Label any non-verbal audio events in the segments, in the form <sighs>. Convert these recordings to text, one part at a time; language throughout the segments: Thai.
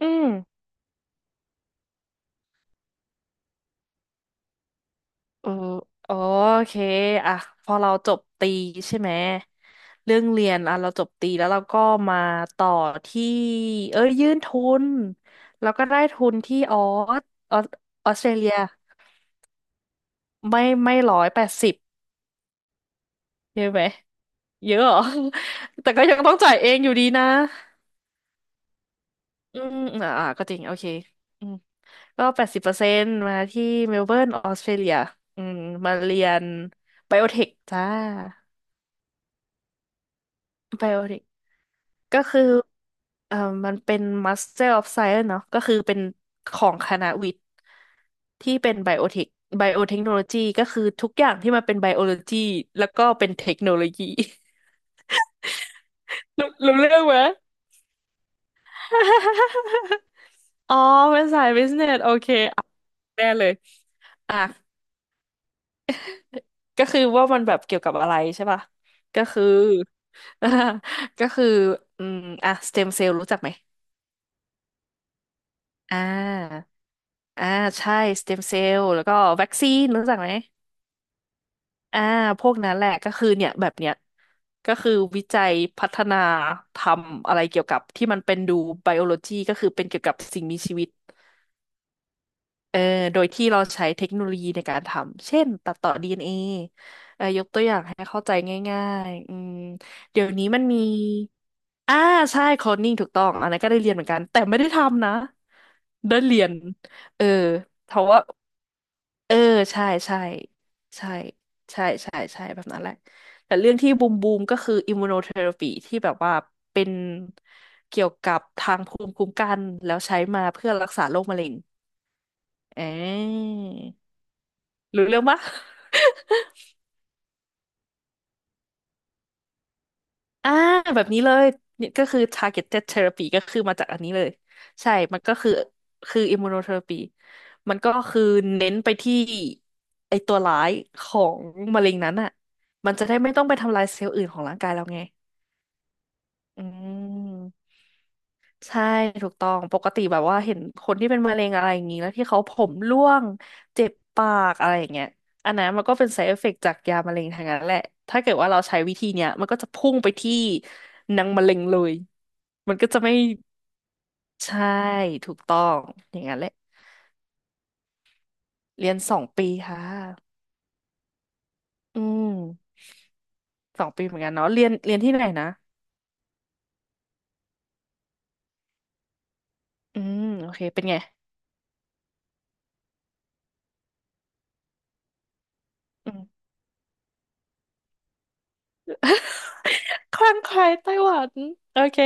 อืมเออโอเคอ่ะพอเราจบตรีใช่ไหมเรื่องเรียนอ่ะเราจบตรีแล้วเราก็มาต่อที่เอ้ยยื่นทุนแล้วก็ได้ทุนที่สออสออสเตรเลียไม่180เยอะไหมเยอะเหรอ <laughs> แต่ก็ยังต้องจ่ายเองอยู่ดีนะอืมอ่าอ่าก็จริงโอเคอืมก็80%มาที่เมลเบิร์นออสเตรเลียอืมมาเรียนไบโอเทคจ้าไบโอเทค ก็คือเอ่อมันเป็น Master of Science เนาะก็คือเป็นของคณะวิทย์ที่เป็นไบโอเทคไบโอเทคโนโลยีก็คือทุกอย่างที่มันเป็นไบโอโลจีแล้วก็เป็นเทคโนโลยี <laughs> รู้เรื่องไหม <laughs> อ๋อเป็นสายบิสเนสโอเคอ่ะแน่เลยอ่ะก็คือว่ามันแบบเกี่ยวกับอะไรใช่ป่ะก็คือ <laughs> ก็คืออืมอ่ะสเต็มเซลล์รู้จักไหมอ่า อ่าใช่สเต็มเซลล์แล้วก็วัคซีนรู้จักไหมอ่าพวกนั้นแหละก็คือเนี่ยแบบเนี้ยก็คือวิจัยพัฒนาทำอะไรเกี่ยวกับที่มันเป็นดูไบโอโลจีก็คือเป็นเกี่ยวกับสิ่งมีชีวิตเอ่อโดยที่เราใช้เทคโนโลยีในการทำเช่นตัดต่อ DNA เอนเอยกตัวอย่างให้เข้าใจง่ายๆอืมเดี๋ยวนี้มันมีอ่าใช่โคลนนิ่งถูกต้องอันนั้นก็ได้เรียนเหมือนกันแต่ไม่ได้ทำนะได้เรียนเออเพราะว่า เออใช่ใช่ใช่ใช่ใช่ใช่แบบนั้นแหละแต่เรื่องที่บูมก็คืออิมมูโนเทอราปีที่แบบว่าเป็นเกี่ยวกับทางภูมิคุ้มกันแล้วใช้มาเพื่อรักษาโรคมะเร็งเออรู้เรื่องปะอ่าแบบนี้เลยนี่ก็คือ targeted therapy ก็คือมาจากอันนี้เลยใช่มันก็คือคือ immunotherapy มันก็คือเน้นไปที่ไอตัวร้ายของมะเร็งนั้นอ่ะมันจะได้ไม่ต้องไปทำลายเซลล์อื่นของร่างกายเราไง อืมใช่ถูกต้องปกติแบบว่าเห็นคนที่เป็นมะเร็งอะไรอย่างนี้แล้วที่เขาผมร่วงเจ็บปากอะไรอย่างเงี้ยอันนั้นมันก็เป็น side effect จากยามะเร็งทางนั้นแหละถ้าเกิดว่าเราใช้วิธีเนี้ยมันก็จะพุ่งไปที่นางมะเร็งเลยมันก็จะไม่ใช่ถูกต้องอย่างนั้นแหละเรียนสองปีค่ะอืมสองปีเหมือนกันเนาะเรียนเรียนที่ไหนนะอืมโอเคเป็นไงอืม <laughs> คลั่งไคล้ไต้หวันโอเค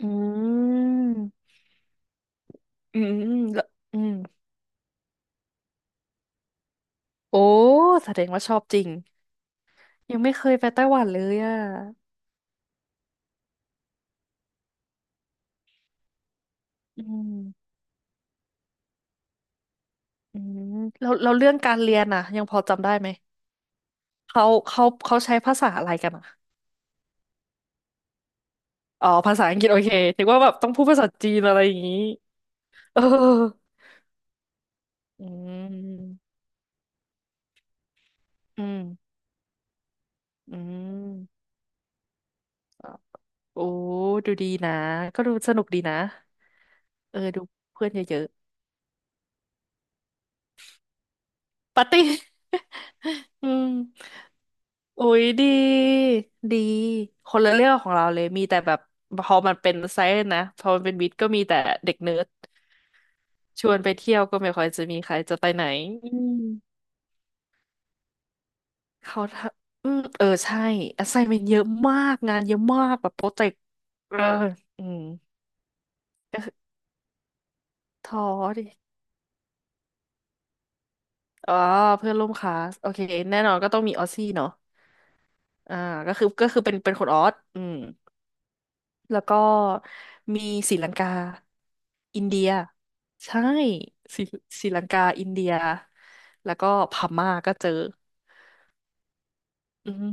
อืม อืมแล้วอืมโอ้แสดงว่าชอบจริงยังไม่เคยไปไต้หวันเลยอ่ะอืมอืมแล้วแล้วเรื่องการเรียนอ่ะยังพอจำได้ไหมเขาใช้ภาษาอะไรกันอ่ะอ๋อภาษาอังกฤษโอเคนึกว่าแบบต้องพูดภาษาจีนอะไรอย่างงี้เอออืมอืมอืมอ่ะโอ้ดูดีนะก็ดูสนุกดีนะเออดูเพื่อนเยอะๆ ปาร์ตี้ <laughs> อืมอุ๊ยดีดีคนละเรื่องของเราเลยมีแต่แบบพอมันเป็นไซส์นะพอมันเป็นวิทย์ก็มีแต่เด็กเนิร์ดชวนไปเที่ยวก็ไม่ค่อยจะมีใครจะไปไหนอืมเขาทำอืมเออใช่ assignment เยอะมากงานเยอะมากแบบโปรเจกต์เอออืมก็คือท้อดิอ๋อเพื่อนร่วมคลาสโอเคแน่นอนก็ต้องมีออสซี่เนาะอ่าก็คือเป็นคนออสอืม แล้วก็มีศรีลังกาอินเดียใช่ศรีศรีลังกาอินเดียแล้วก็พม่าก็เจออืม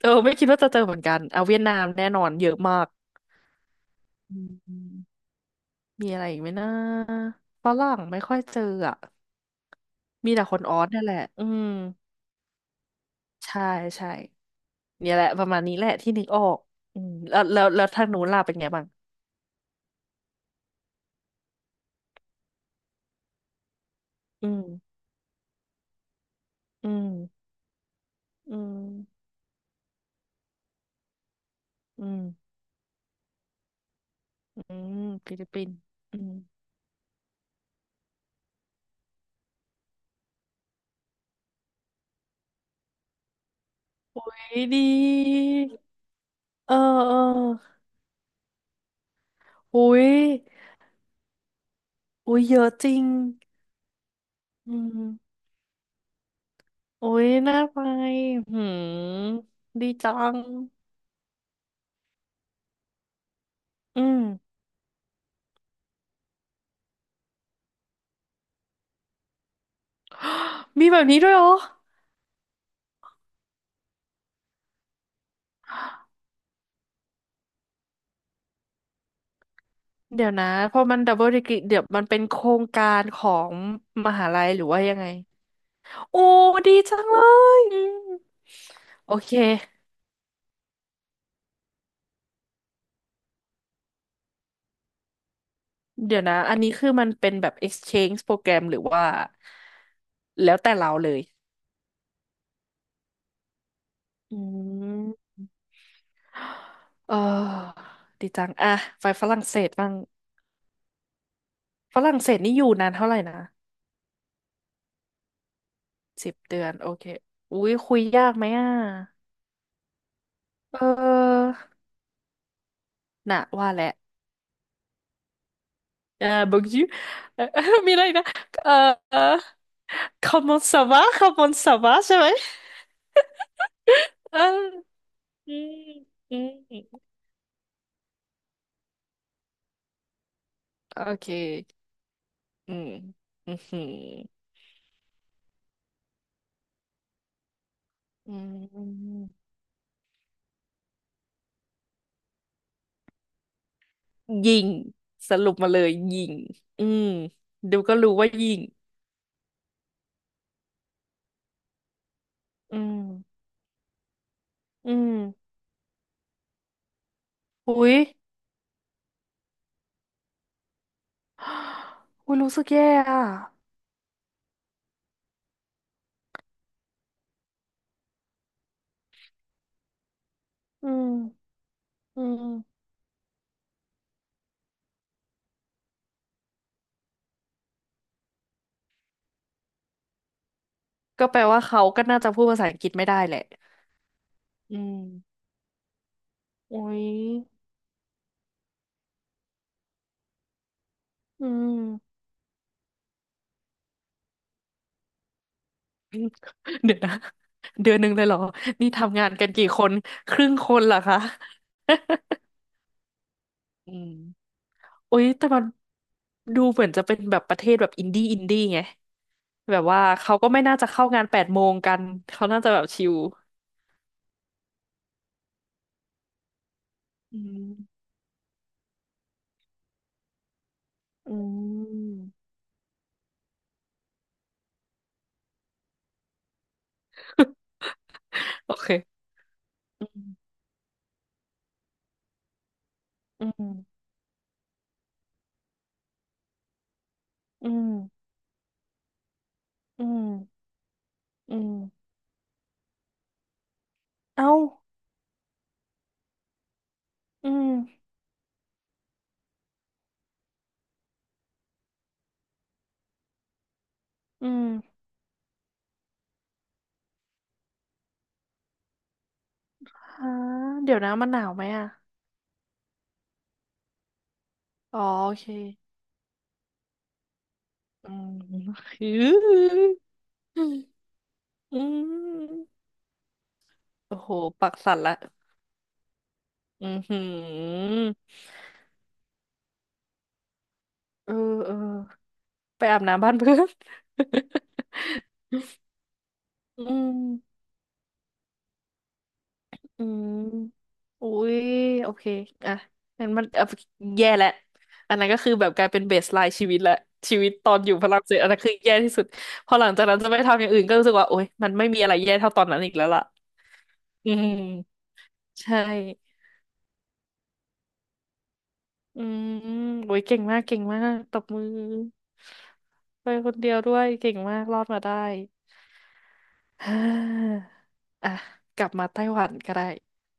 เออไม่คิดว่าจะเจอเหมือนกันเอาเวียดนามแน่นอนเยอะมากอืมมีอะไรอีกไหมนะฝรั่งไม่ค่อยเจออ่ะมีแต่คนออสนั่นแหละอืมใช่ใช่เนี่ยแหละประมาณนี้แหละที่นึกออกอืมแล้วทางนู้นล่ะเป็นไงบ้างอืมอืมอืมอืม อืมฟิลิปปินส์อืมดีดีเออเอออุ้ยอุ้ยเยอะจริงอืมอุ้ยน่าไปหืมดีจังอืมมีแบบนี้ด้วยเหรอ เดี๋ยวนะพอมันดับเบิลดีกรีเดี๋ยวมันเป็นโครงการของมหาลัยหรือว่ายังไง โอ้ดีจังเลยอืมโอเคเดี๋ยวนะอันนี้คือมันเป็นแบบ exchange โปรแกรมหรือว่าแล้วแต่เราเลย อืม เออดีจังอ่ะไปฝรั่งเศสบ้างฝรั่งเศสนี่อยู่นานเท่าไหร่นะ10 เดือนโอเคอุ้ยคุยยากไหมอ่ะเออน่ะว่าแหละเออบอกยูเออ <laughs> มีอะไรนะเออเออ comment ça va comment ça va ใช่ไหมเอออืมอืมโอเคอืมอืมอหืออืมยิงสรุปมาเลยยิงอืมดูก็รู้ว่ายิงอืมอืม อุ๊ยอุ๊ยรู้สึกแย่อะอืมอืมก็แปลว่าเขาก็น่าจะพูดภาษาอังกฤษไม่ได้แหละอืมอุ้ยอืม <laughs> เดี๋ยวนะเดือนหนึ่งเลยเหรอนี่ทำงานกันกี่คนครึ่งคนเหรอคะ <laughs> อืมอุ้ยแต่มันดูเหมือนจะเป็นแบบประเทศแบบอินดี้ไงแบบว่าเขาก็ไม่น่าจะเข้างาน8 โมงกันเขาน่าจะแบบชิลอืมอืม <laughs> โอเคอืมอืมอืม อืมอืมเอ้าอืมอืมฮะเดี๋ยวนะมันหนาวไหมอ่ะอ๋อโอเคอืมอืออืมโอ้โหปักสั่นละอือหือเออเออไปอาบน้ำบ้านเพื่อน <laughs> อืม อืมอุ้ยโอเค อ่ะงั้นมันอ่ะแย่แล้วอันนั้นก็คือแบบกลายเป็นเบสไลน์ชีวิตและ ชีวิตตอนอยู่ฝรั่งเศสอันนั้นคือแย่ที่สุดพอหลังจากนั้นจะไม่ทำอย่างอื่นก็รู้สึกว่าโอ๊ย มันไม่มีอะไรแย่เท่าตอนนั้นอีกแล้วล่ะ อืม ใช่ อืมโอ้ยเก่งมากเก่งมากตบมือ ไปคนเดียวด้วย เก่งมากรอดมาได้ <sighs> ฮ่าอ่ะกลับมาไต้หวันก็ได้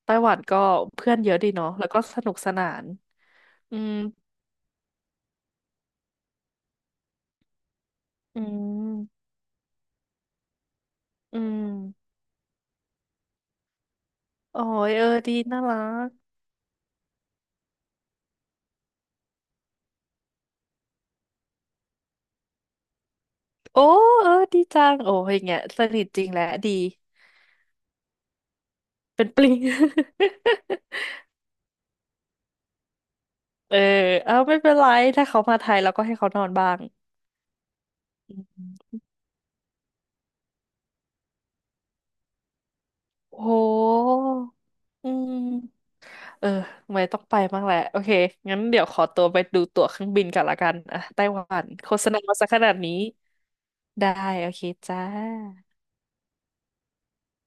ไต้หวันก็เพื่อนเยอะดีเนาะแล้วก็สนุกสนานอืม อืมอืมโอ้ยเออดีน่ารักโอ้เออดีจังโอ้ยอย่างเงี้ยสนิทจริงแหละดีเป็นปลิง <laughs> เออเอาไม่เป็นไรถ้าเขามาไทยเราก็ให้เขานอนบ้างอืมโอ้โหอืมเออไม่ต้องไปบ้างแหละโอเคงั้นเดี๋ยวขอตัวไปดูตั๋วเครื่องบินกันละกันอ่ะไต้หวันโฆษณามาซะขนาดนี้ได้โอเคจ้า